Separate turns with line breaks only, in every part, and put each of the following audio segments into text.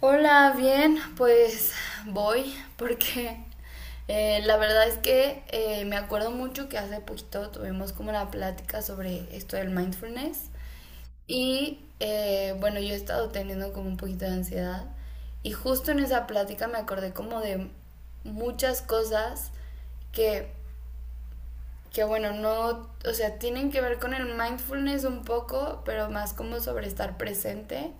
Hola, bien, pues voy porque la verdad es que me acuerdo mucho que hace poquito tuvimos como una plática sobre esto del mindfulness y bueno, yo he estado teniendo como un poquito de ansiedad y justo en esa plática me acordé como de muchas cosas que, que bueno, no, o sea, tienen que ver con el mindfulness un poco, pero más como sobre estar presente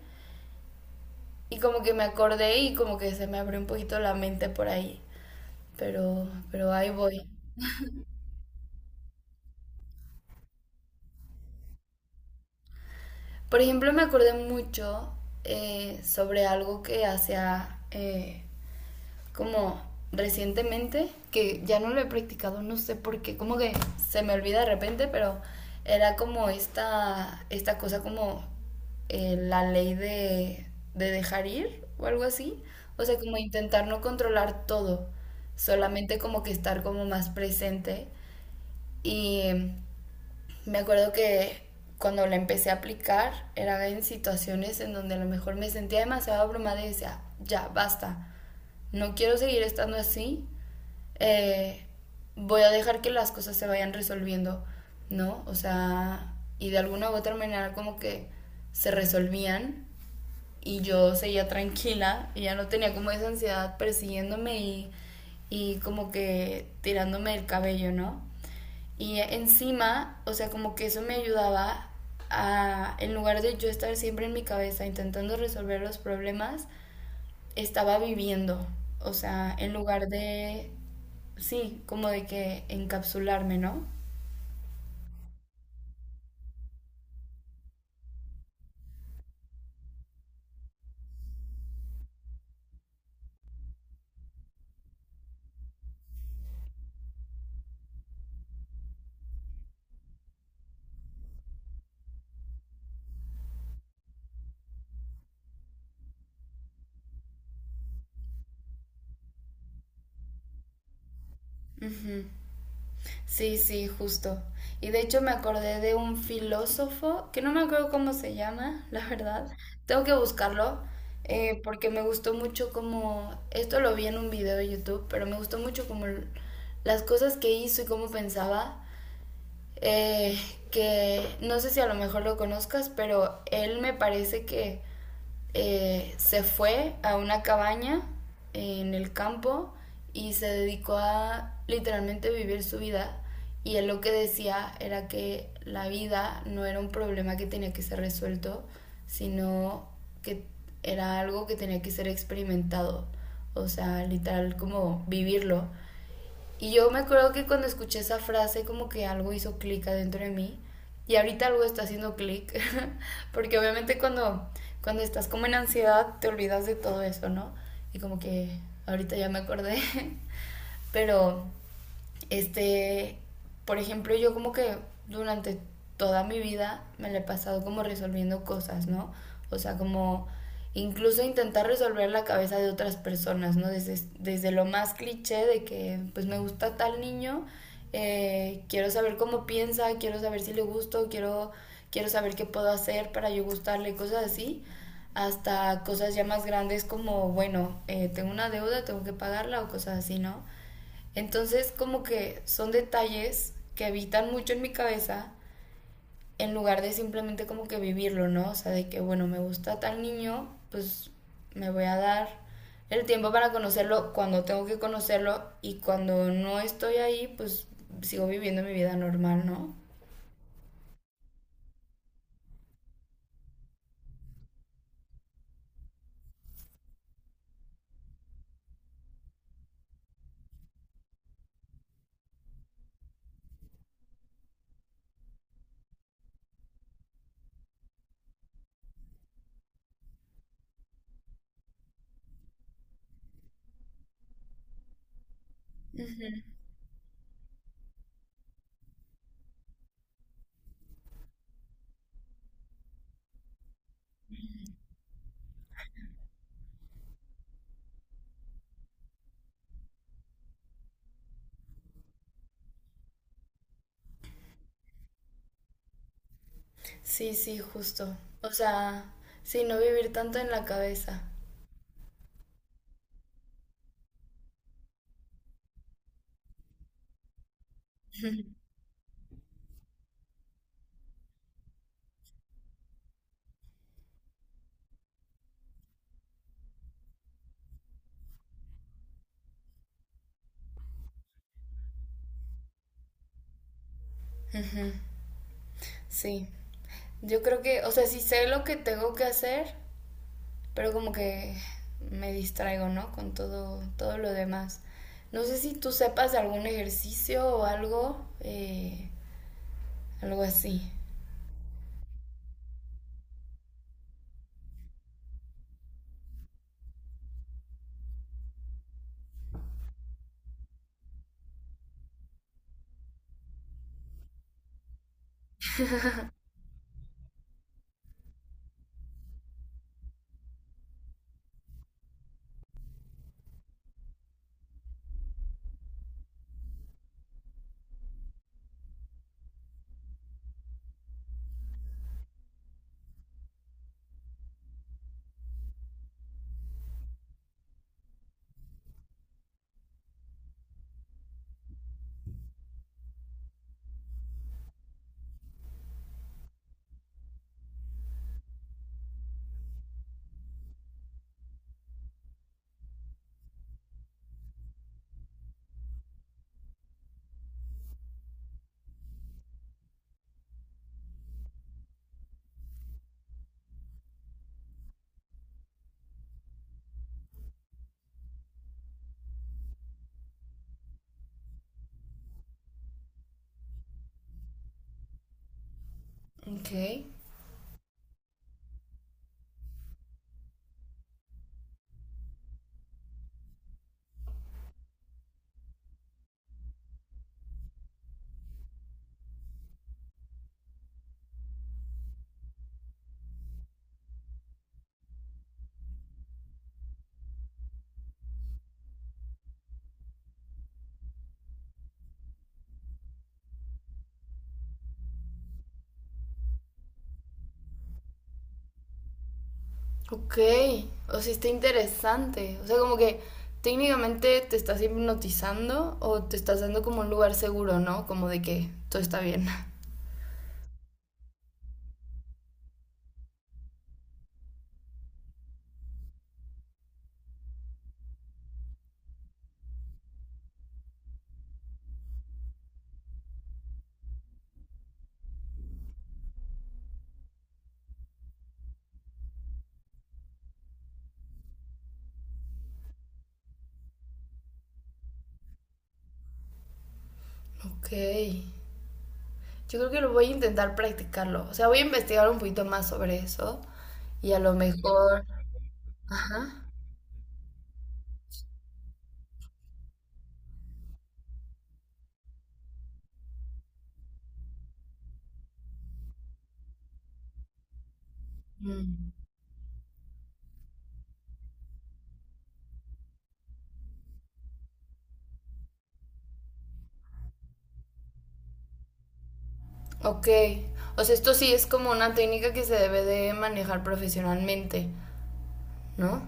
y como que me acordé y como que se me abrió un poquito la mente por ahí. Pero ahí voy. Por ejemplo, me acordé mucho sobre algo que hacía como recientemente, que ya no lo he practicado, no sé por qué, como que se me olvida de repente, pero era como esta cosa como la ley de dejar ir o algo así. O sea, como intentar no controlar todo, solamente como que estar como más presente. Y me acuerdo que cuando la empecé a aplicar era en situaciones en donde a lo mejor me sentía demasiado abrumada y decía, ya, basta, no quiero seguir estando así, eh, voy a dejar que las cosas se vayan resolviendo, ¿no? O sea, y de alguna u otra manera como que se resolvían y yo seguía tranquila y ya no tenía como esa ansiedad persiguiéndome y como que tirándome el cabello, ¿no? Y encima, o sea, como que eso me ayudaba a, en lugar de yo estar siempre en mi cabeza intentando resolver los problemas, estaba viviendo. O sea, en lugar de, sí, como de que encapsularme, ¿no? Ujú. Sí, sí, justo. Y de hecho me acordé de un filósofo, que no me acuerdo cómo se llama, la verdad. Tengo que buscarlo, porque me gustó mucho como, esto lo vi en un video de YouTube, pero me gustó mucho como las cosas que hizo y cómo pensaba. Eh, que no sé si a lo mejor lo conozcas, pero él me parece que se fue a una cabaña en el campo y se dedicó a literalmente vivir su vida. Y él lo que decía era que la vida no era un problema que tenía que ser resuelto, sino que era algo que tenía que ser experimentado. O sea, literal como vivirlo. Y yo me acuerdo que cuando escuché esa frase como que algo hizo clic adentro de mí y ahorita algo está haciendo clic, porque obviamente cuando estás como en ansiedad te olvidas de todo eso, ¿no? Y como que ahorita ya me acordé, pero este, por ejemplo, yo como que durante toda mi vida me la he pasado como resolviendo cosas, ¿no? O sea, como incluso intentar resolver la cabeza de otras personas, ¿no? Desde lo más cliché de que, pues me gusta tal niño, quiero saber cómo piensa, quiero saber si le gusto, quiero saber qué puedo hacer para yo gustarle, cosas así, hasta cosas ya más grandes como, bueno, tengo una deuda, tengo que pagarla o cosas así, ¿no? Entonces, como que son detalles que habitan mucho en mi cabeza en lugar de simplemente como que vivirlo, ¿no? O sea, de que, bueno, me gusta tal niño, pues me voy a dar el tiempo para conocerlo cuando tengo que conocerlo y cuando no estoy ahí, pues sigo viviendo mi vida normal, ¿no? Sí, sí, justo. O sea, sí, no vivir tanto en la cabeza. Ujú. Sí, yo creo que, o sea, si sé lo que tengo que hacer, pero como que me distraigo, ¿no? Con todo, todo lo demás. No sé si tú sepas de algún ejercicio o algo, algo así. Ok. Ok. O sea, está interesante. O sea, como que técnicamente te estás hipnotizando o te estás dando como un lugar seguro, ¿no? Como de que todo está bien. Ok. Yo creo que lo voy a intentar practicarlo. O sea, voy a investigar un poquito más sobre eso y a lo mejor... Ajá. Mm. Ok, o sea, esto sí es como una técnica que se debe de manejar profesionalmente, ¿no?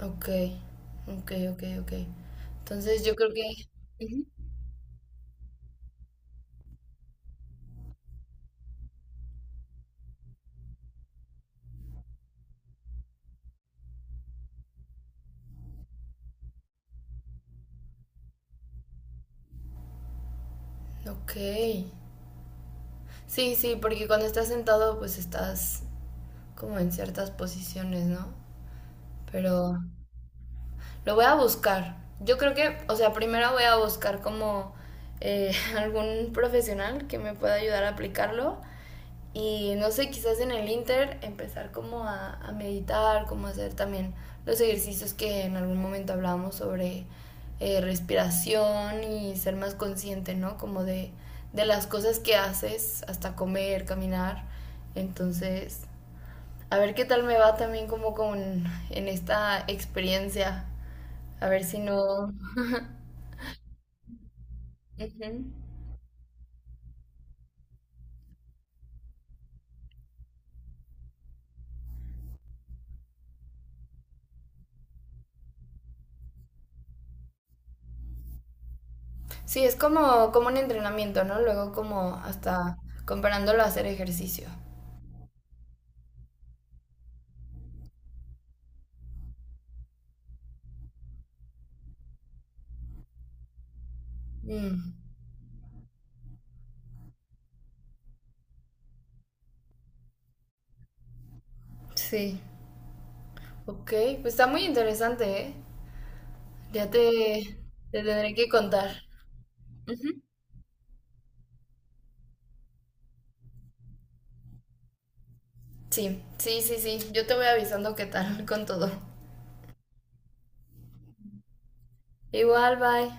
Ok, ok, ok, ok. Entonces yo creo que... Ujú. Ok. Sí, sí, porque cuando estás sentado pues estás como en ciertas posiciones, ¿no? Pero lo voy a buscar. Yo creo que, o sea, primero voy a buscar como eh, algún profesional que me pueda ayudar a aplicarlo. Y no sé, quizás en el Inter empezar como a meditar, como hacer también los ejercicios que en algún momento hablábamos sobre respiración y ser más consciente, ¿no? Como de las cosas que haces, hasta comer, caminar. Entonces, a ver qué tal me va también como con en esta experiencia. A ver si no. Ujú. Sí, es como, como un entrenamiento, ¿no? Luego como hasta comparándolo a hacer ejercicio. Mm, sí, ok, pues está muy interesante, ¿eh? Ya te, te tendré que contar. Ujú. Sí, sí, sí, sí, yo te voy avisando qué tal con todo. Igual, bye.